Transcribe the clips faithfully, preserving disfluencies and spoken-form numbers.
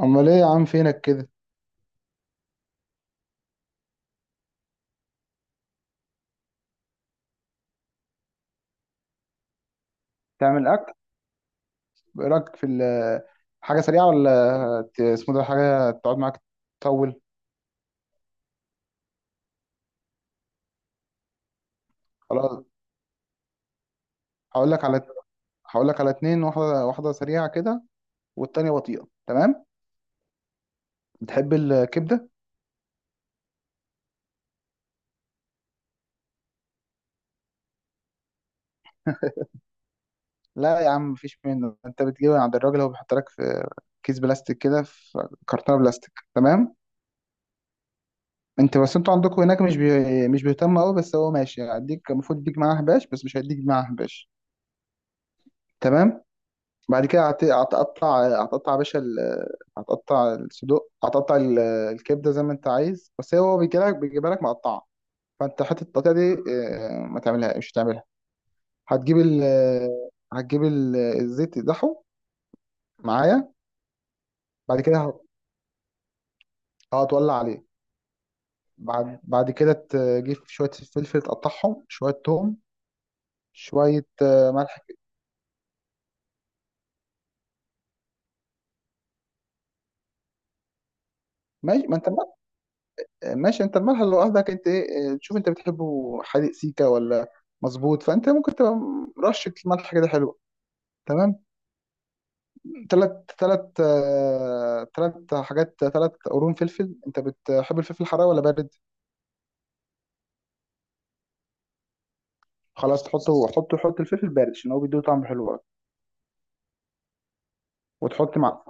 امال ايه يا عم فينك كده؟ تعمل اكل. ايه رايك في ال- حاجه سريعه ولا ت- اسمه ده حاجه تقعد معاك، تطول؟ خلاص، هقول لك على هقول لك على اتنين، واحده واحده سريعه كده، والتانيه بطيئه. تمام. بتحب الكبده؟ لا يا عم، مفيش منه. انت بتجيبها عند الراجل، هو بيحط لك في كيس بلاستيك كده، في كرتونه بلاستيك. تمام. انت بس انتوا عندكم هناك مش بي... مش بيهتم قوي، بس هو ماشي هيديك، المفروض يديك معاه حباش، بس مش هيديك معاه حباش. تمام. بعد كده هت- هتقطع هتقطع يا باشا ال- هتقطع الصدوق، هتقطع ال- الكبده زي ما انت عايز، بس هو بيجيلك، بيجيبها لك مقطعه، فانت حته التقطيع دي آه، ما تعملها مش تعملها. هتجيب ال هتجيب ال- الزيت تقدحه معايا. بعد كده هت- هتولع عليه. بعد بعد كده تجيب شويه فلفل، تقطعهم، شويه توم، شويه آه، ملح. ما, ما انت ماشي، انت الملح اللي قصدك انت ايه، اه، تشوف انت بتحبه حادق سيكا ولا مظبوط، فانت ممكن تبقى رشة ملح كده حلوة. تمام. تلات تلات اه، تلات حاجات، تلات قرون فلفل. انت بتحب الفلفل الحراق ولا بارد؟ خلاص، تحطه حطه حط الفلفل بارد عشان هو بيديه طعم حلو قوي. وتحط معاه،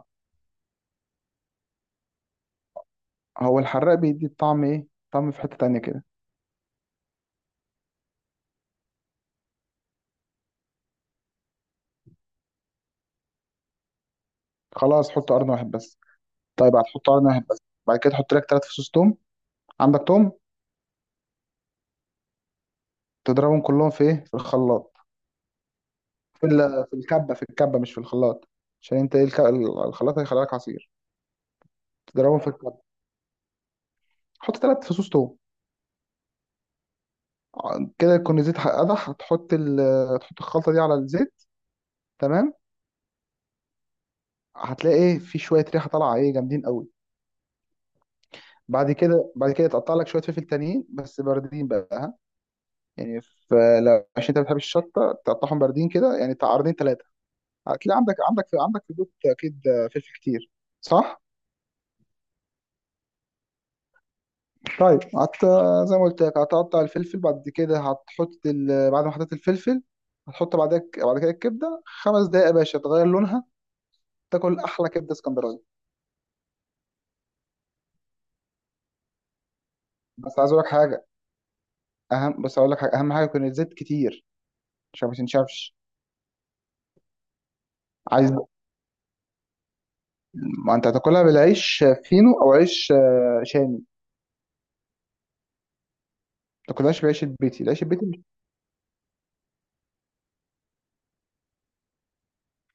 هو الحراق بيدي الطعم ايه، طعم في حتة تانية كده. خلاص، حط قرن واحد بس. طيب، هتحط قرن واحد بس. بعد كده تحط لك تلات فصوص توم. عندك توم؟ تضربهم كلهم في ايه، في الخلاط، في ال- في الكبه في الكبه مش في الخلاط، عشان انت ايه الك- الخلاط هيخلي لك عصير. تضربهم في الكبه، حط ثلاث فصوص توم. ع- كده يكون الزيت ح- قدح. هتحط ال... هتحط الخلطه دي على الزيت، تمام. هتلاقي ايه، في شويه ريحه طالعه ايه جامدين قوي. بعد كده بعد كده تقطع لك شويه فلفل تانيين بس باردين بقى، ها، يعني فلو عشان انت ما بتحبش الشطه تقطعهم باردين كده، يعني بتاع قرنين ثلاثه. هتلاقي عندك عندك في عندك في البيت اكيد فلفل كتير، صح؟ طيب هت زي ما قلت لك هتقطع الفلفل، بعد كده هتحط ال... بعد ما حطيت الفلفل هتحط بعدك بعد كده الكبده خمس دقايق يا باشا، تغير لونها، تاكل احلى كبده اسكندراني. بس عايز اقول لك حاجه اهم. بس اقول لك حاجه اهم حاجه يكون الزيت كتير عشان ما تنشفش. عايز؟ ما انت هتاكلها بالعيش فينو او عيش آه، شامي، ما تاكلهاش بالعيش البيتي، العيش البيتي مش-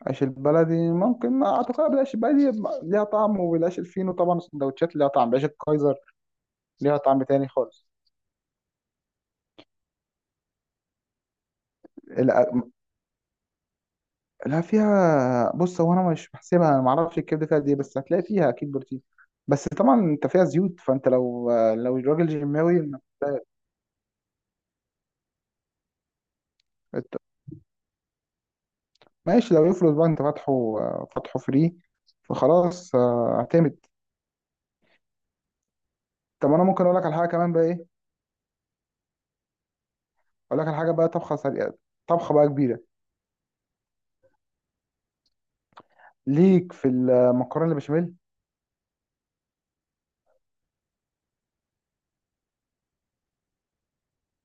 العيش البلدي ممكن، ما هتاكلها بالعيش البلدي ليها طعم، وبالعيش الفينو طبعا السندوتشات ليها طعم، بعيش الكايزر ليها طعم تاني خالص. لا فيها، بص، هو انا مش بحسبها، انا ما اعرفش الكبده فيها قد ايه، بس هتلاقي فيها اكيد بروتين. بس طبعا انت فيها زيوت، فانت لو لو الراجل جيماوي. إنت- ماشي، لو يفرض بقى انت فاتحه، فاتحه فري، فخلاص آه، اعتمد. طب انا ممكن اقول لك على حاجه كمان بقى، ايه؟ اقول لك على حاجه بقى طبخه سريعه، طبخه بقى كبيره. ليك في المكرونه البشاميل.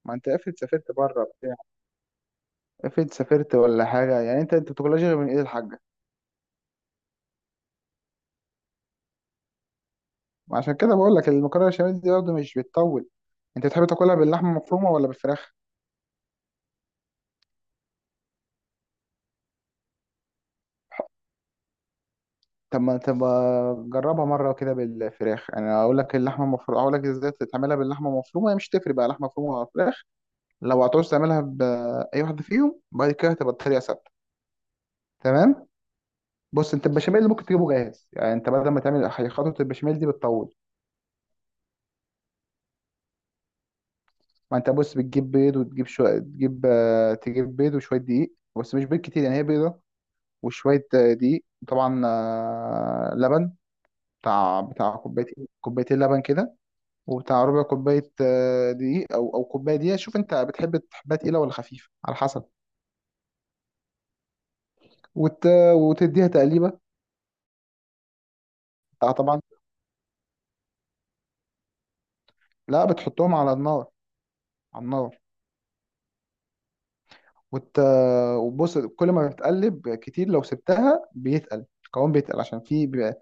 ما انت افرض سافرت بره بتاع، افرض سافرت ولا حاجه، يعني انت انت بتاكلهاش غير من ايد الحاج. عشان كده بقول لك المكرونه البشاميل دي برضه مش بتطول. انت بتحب تاكلها باللحمه المفرومه ولا بالفراخ؟ طب ما طب ما جربها مره كده بالفراخ. انا اقول لك اللحمه المفرومه، اقول لك ازاي تعملها باللحمه المفرومه، هي مش تفرق بقى لحمه مفرومه ولا فراخ. لو هتعوز تعملها باي واحده فيهم، بعد كده هتبقى الطريقه ثابته. تمام. بص انت البشاميل اللي ممكن تجيبه جاهز، يعني انت بدل ما تعمل خطوه البشاميل دي بتطول. ما انت بص بتجيب بيض وتجيب شويه تجيب آه، تجيب بيض وشويه دقيق، بس مش بيض كتير يعني، هي بيضه، وشوية آه، دقيق طبعا، آه، لبن. بتاع بتاع كوبايتين كوبايتين لبن كده، وبتاع ربع كوباية آه، دقيق، أو أو كوباية دقيقة. شوف أنت بتحب تحبها تقيلة ولا خفيفة، على حسب. وت... وتديها تقليبة. بتاع طبعا، لا بتحطهم على النار، على النار. وت... وبص كل ما بتقلب كتير لو سبتها بيتقل القوام، بيتقل عشان في بيبقى-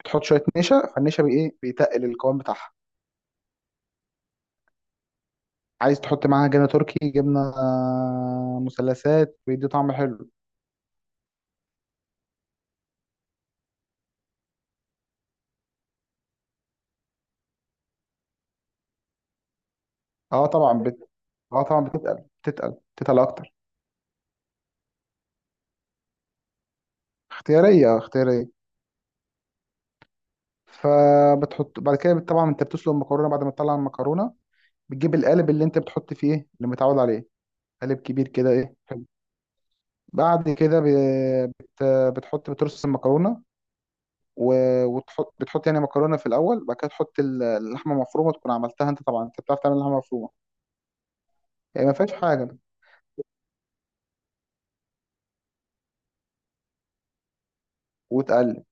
بتحط شوية نشا، فالنشا بإيه، بيتقل القوام بتاعها. عايز تحط معاها جبنة تركي، جبنة آه، مثلثات، بيدي طعم حلو. اه طبعا بت... اه طبعا بتتقل بتتقل بتتقل اكتر. اختياريه اختياريه. فبتحط بعد كده، طبعا انت بتسلق المكرونه، بعد ما تطلع المكرونه بتجيب القالب اللي انت بتحط فيه، ايه اللي متعود عليه، قالب كبير كده ايه، حلو. بعد كده ب... بت... بتحط بترص المكرونه، و... وتحط بتحط يعني مكرونه في الاول، بعد كده تحط ال- اللحمه المفرومه تكون عملتها انت طبعا، انت بتعرف تعمل لحمه مفرومه، يعني ما فيهاش حاجه، وتقلب.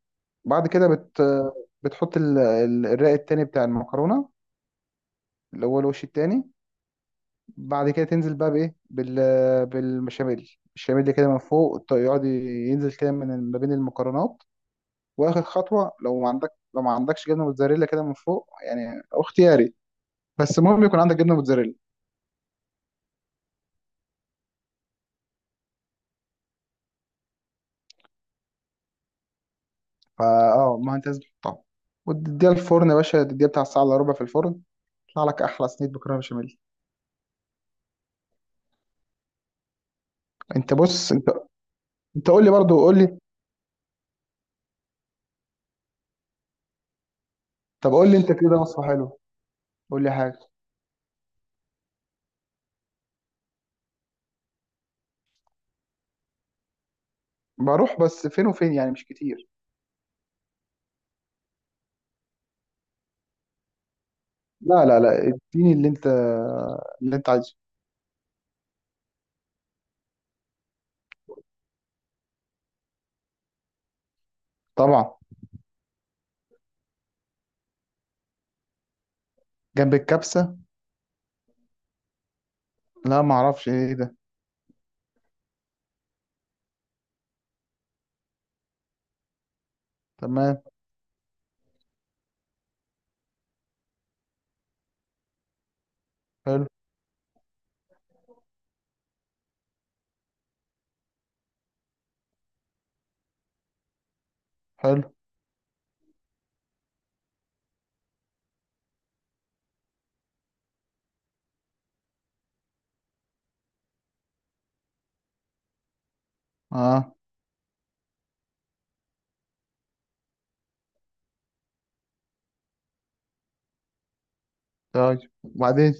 بعد كده بت... بتحط ال... ال- الرق التاني بتاع المكرونه، اللي هو الوش التاني. بعد كده تنزل بقى بايه، بال بالبشاميل. البشاميل كده من فوق، الط- يقعد ينزل كده من ما بين المكرونات. واخر خطوه، لو ما عندك لو ما عندكش جبنه موتزاريلا كده من فوق، يعني أو اختياري، بس المهم يكون عندك جبنه موتزاريلا. فا اه ما انت لازم تحطها، وتديها الفرن يا باشا، تديها بتاع ساعه الا ربع في الفرن، يطلع لك احلى صينيه مكرونه بشاميل. انت بص انت، انت قول لي برضه، قول لي. طب قول لي انت كده وصفه حلوه، قول لي حاجه. بروح بس فين وفين، يعني مش كتير. لا لا لا، اديني اللي انت اللي انت عايزه. طبعا. جنب الكبسة؟ لا، ما اعرفش ايه ده. تمام. حلو. حلو. اه. طيب، وبعدين؟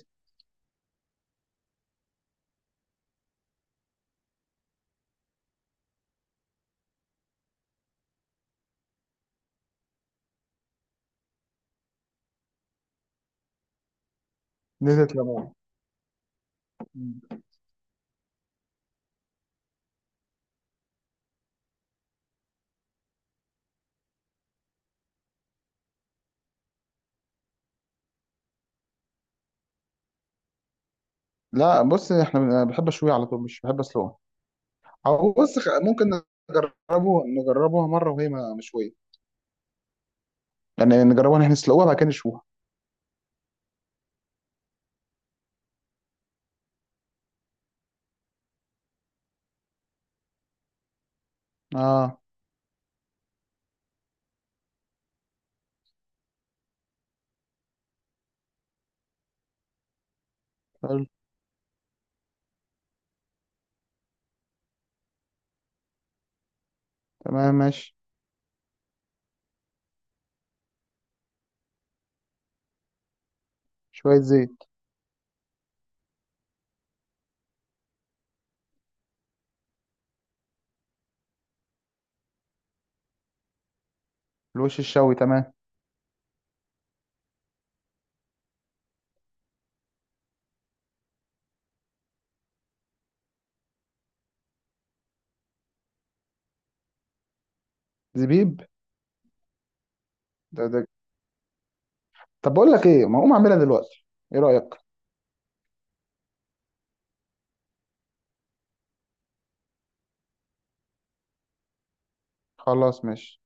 نزلت ليمون؟ لا بص احنا بن- بحب اشويه على طول، مش بحب اسلقها. او بص خ- ممكن نجربه نجربوها مرة وهي ما- مشوية، يعني نجربوها ان احنا نسلقوها بعد كده نشوها. اه. حلو. تمام ماشي. شوية زيت. الوش الشوي، تمام. زبيب. ده ده. طب بقول لك ايه، ما اقوم اعملها دلوقتي، ايه رأيك؟ خلاص ماشي.